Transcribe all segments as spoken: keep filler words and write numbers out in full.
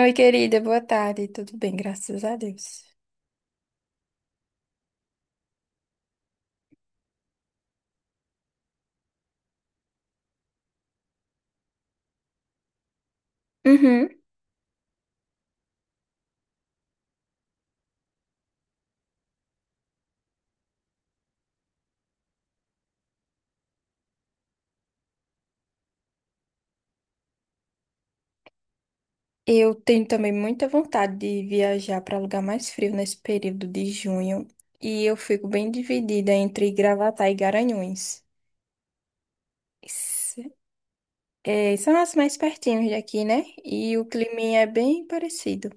Oi, querida, boa tarde. Tudo bem, graças a Deus. Uhum. Eu tenho também muita vontade de viajar para lugar mais frio nesse período de junho e eu fico bem dividida entre Gravatá e Garanhuns. S- é, são as mais pertinhos daqui, né? E o clima é bem parecido.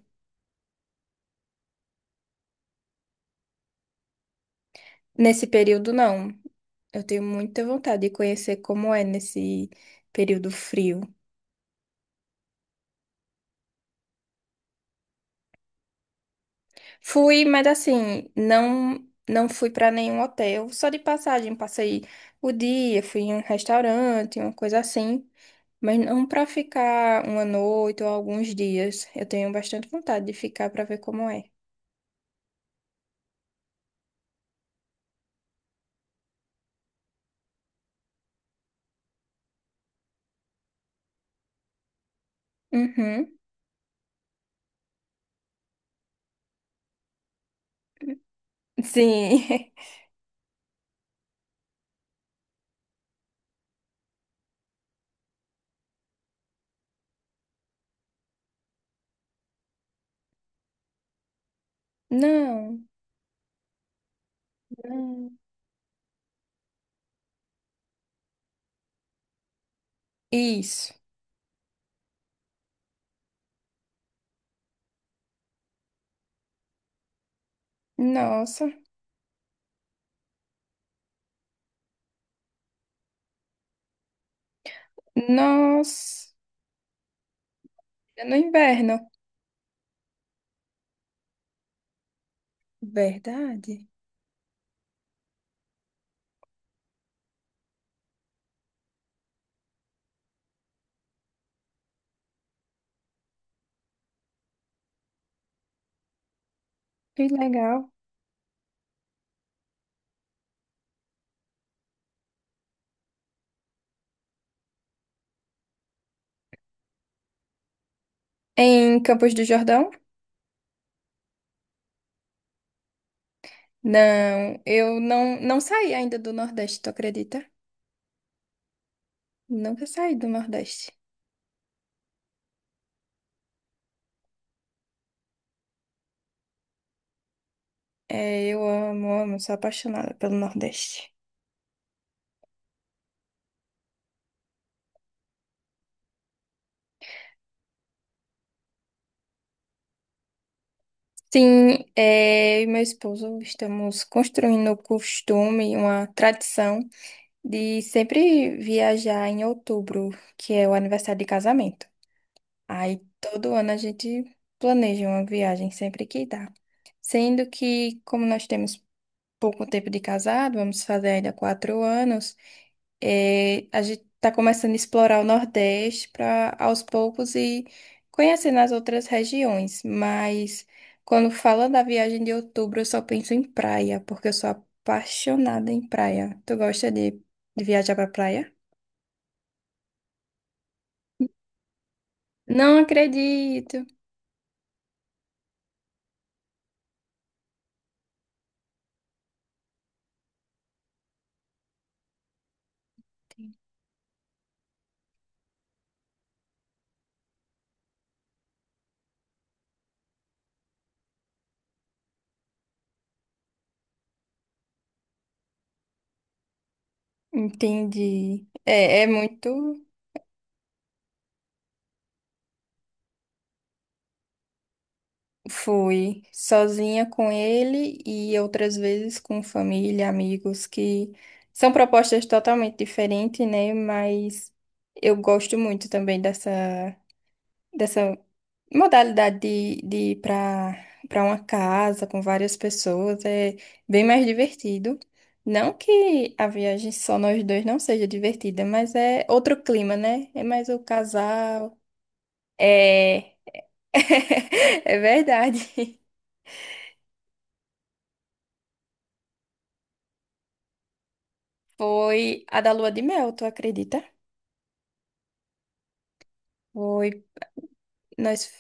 Nesse período, não. Eu tenho muita vontade de conhecer como é nesse período frio. Fui, mas assim, não não fui para nenhum hotel, só de passagem, passei o dia, fui em um restaurante, uma coisa assim, mas não para ficar uma noite ou alguns dias. Eu tenho bastante vontade de ficar para ver como é. Uhum. Sim. Não. Não. Isso. Nossa. Nossa. É. No inverno. Verdade. Que legal. Em Campos do Jordão? Não, eu não, não saí ainda do Nordeste, tu acredita? Nunca saí do Nordeste. É, eu amo, amo, sou apaixonada pelo Nordeste. Sim, é, eu e meu esposo estamos construindo o costume, uma tradição de sempre viajar em outubro, que é o aniversário de casamento. Aí todo ano a gente planeja uma viagem sempre que dá. Sendo que, como nós temos pouco tempo de casado, vamos fazer ainda quatro anos, eh, a gente está começando a explorar o Nordeste para aos poucos e conhecendo as outras regiões. Mas quando fala da viagem de outubro, eu só penso em praia, porque eu sou apaixonada em praia. Tu gosta de, de viajar para praia? Não acredito. Entendi. É, é muito. Fui sozinha com ele e outras vezes com família, amigos, que são propostas totalmente diferentes, né? Mas eu gosto muito também dessa, dessa modalidade de, de ir para para uma casa com várias pessoas. É bem mais divertido. Não que a viagem só nós dois não seja divertida, mas é outro clima, né? É mais o casal. É, é verdade. Foi a da lua de mel, tu acredita? Foi. Nós,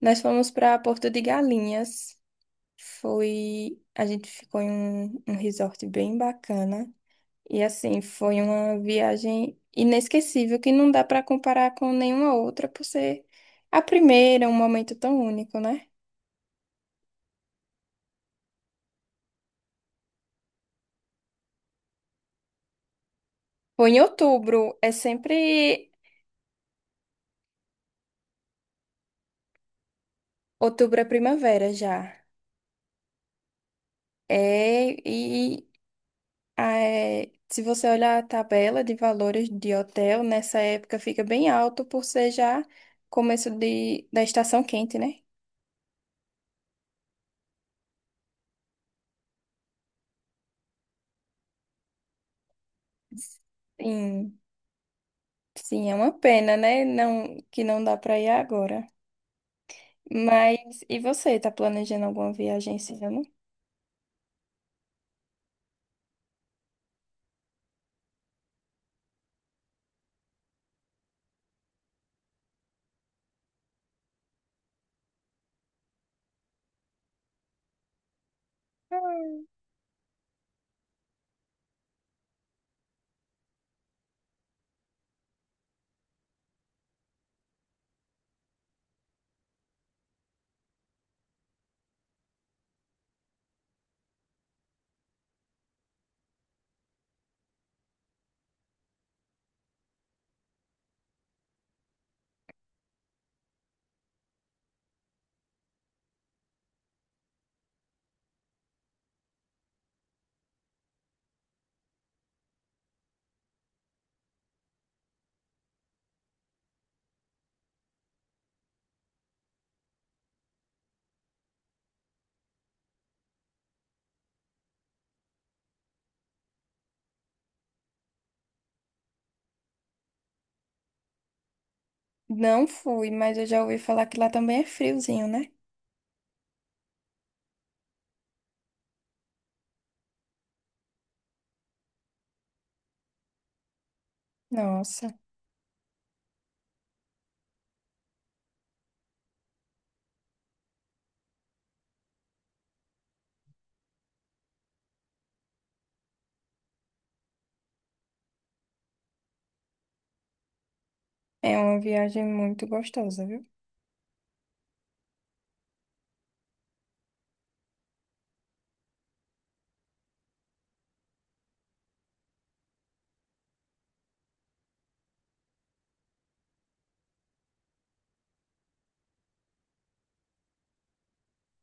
nós fomos para Porto de Galinhas. Foi. A gente ficou em um, um resort bem bacana. E assim, foi uma viagem inesquecível que não dá para comparar com nenhuma outra por ser a primeira, um momento tão único, né? Foi em outubro. É sempre. Outubro é primavera já. É. E É, se você olhar a tabela de valores de hotel, nessa época fica bem alto por ser já começo de, da estação quente, né? Sim, sim, é uma pena, né? Não, que não dá para ir agora. Mas e você, tá planejando alguma viagem esse ano? Não fui, mas eu já ouvi falar que lá também é friozinho, né? Nossa, é uma viagem muito gostosa, viu?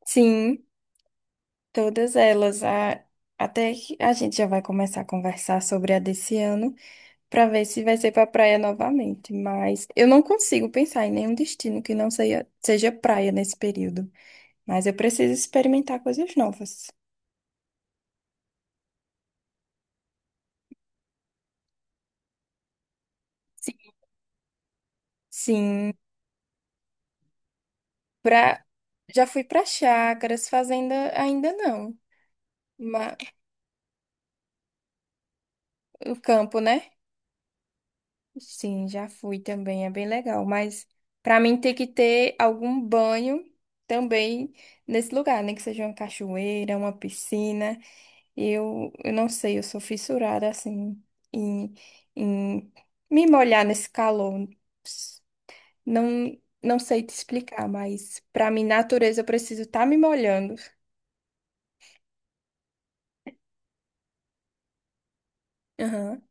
Sim, todas elas. A- até que a gente já vai começar a conversar sobre a desse ano. Pra ver se vai ser pra praia novamente, mas eu não consigo pensar em nenhum destino que não seja, seja praia nesse período. Mas eu preciso experimentar coisas novas. Sim. Sim, pra... já fui pra chácaras, fazenda ainda não. Ma- O campo, né? Sim, já fui também, é bem legal. Mas pra mim tem que ter algum banho também nesse lugar, né? Que seja uma cachoeira, uma piscina. Eu, eu não sei, eu sou fissurada assim em, em me molhar nesse calor. Não, não sei te explicar, mas para mim, natureza, eu preciso estar me molhando. Aham.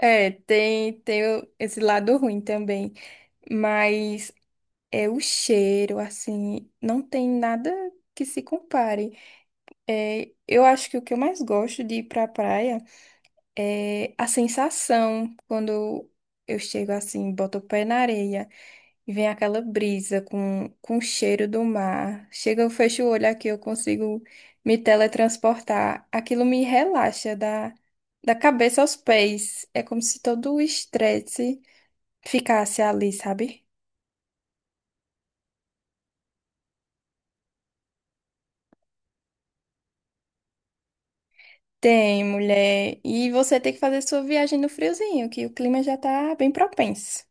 É, tem, tem o- esse lado ruim também, mas é o cheiro, assim, não tem nada que se compare. É, eu acho que o que eu mais gosto de ir pra praia é a sensação quando eu chego assim, boto o pé na areia. E vem aquela brisa com, com o cheiro do mar. Chega, eu fecho o olho aqui, eu consigo me teletransportar. Aquilo me relaxa da, da cabeça aos pés. É como se todo o estresse ficasse ali, sabe? Tem, mulher. E você tem que fazer sua viagem no friozinho, que o clima já tá bem propenso.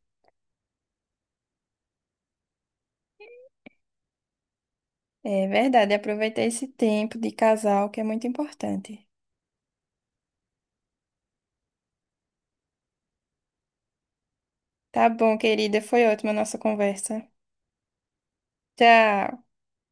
É verdade, aproveitar esse tempo de casal que é muito importante. Tá bom, querida, foi ótima a nossa conversa. Tchau.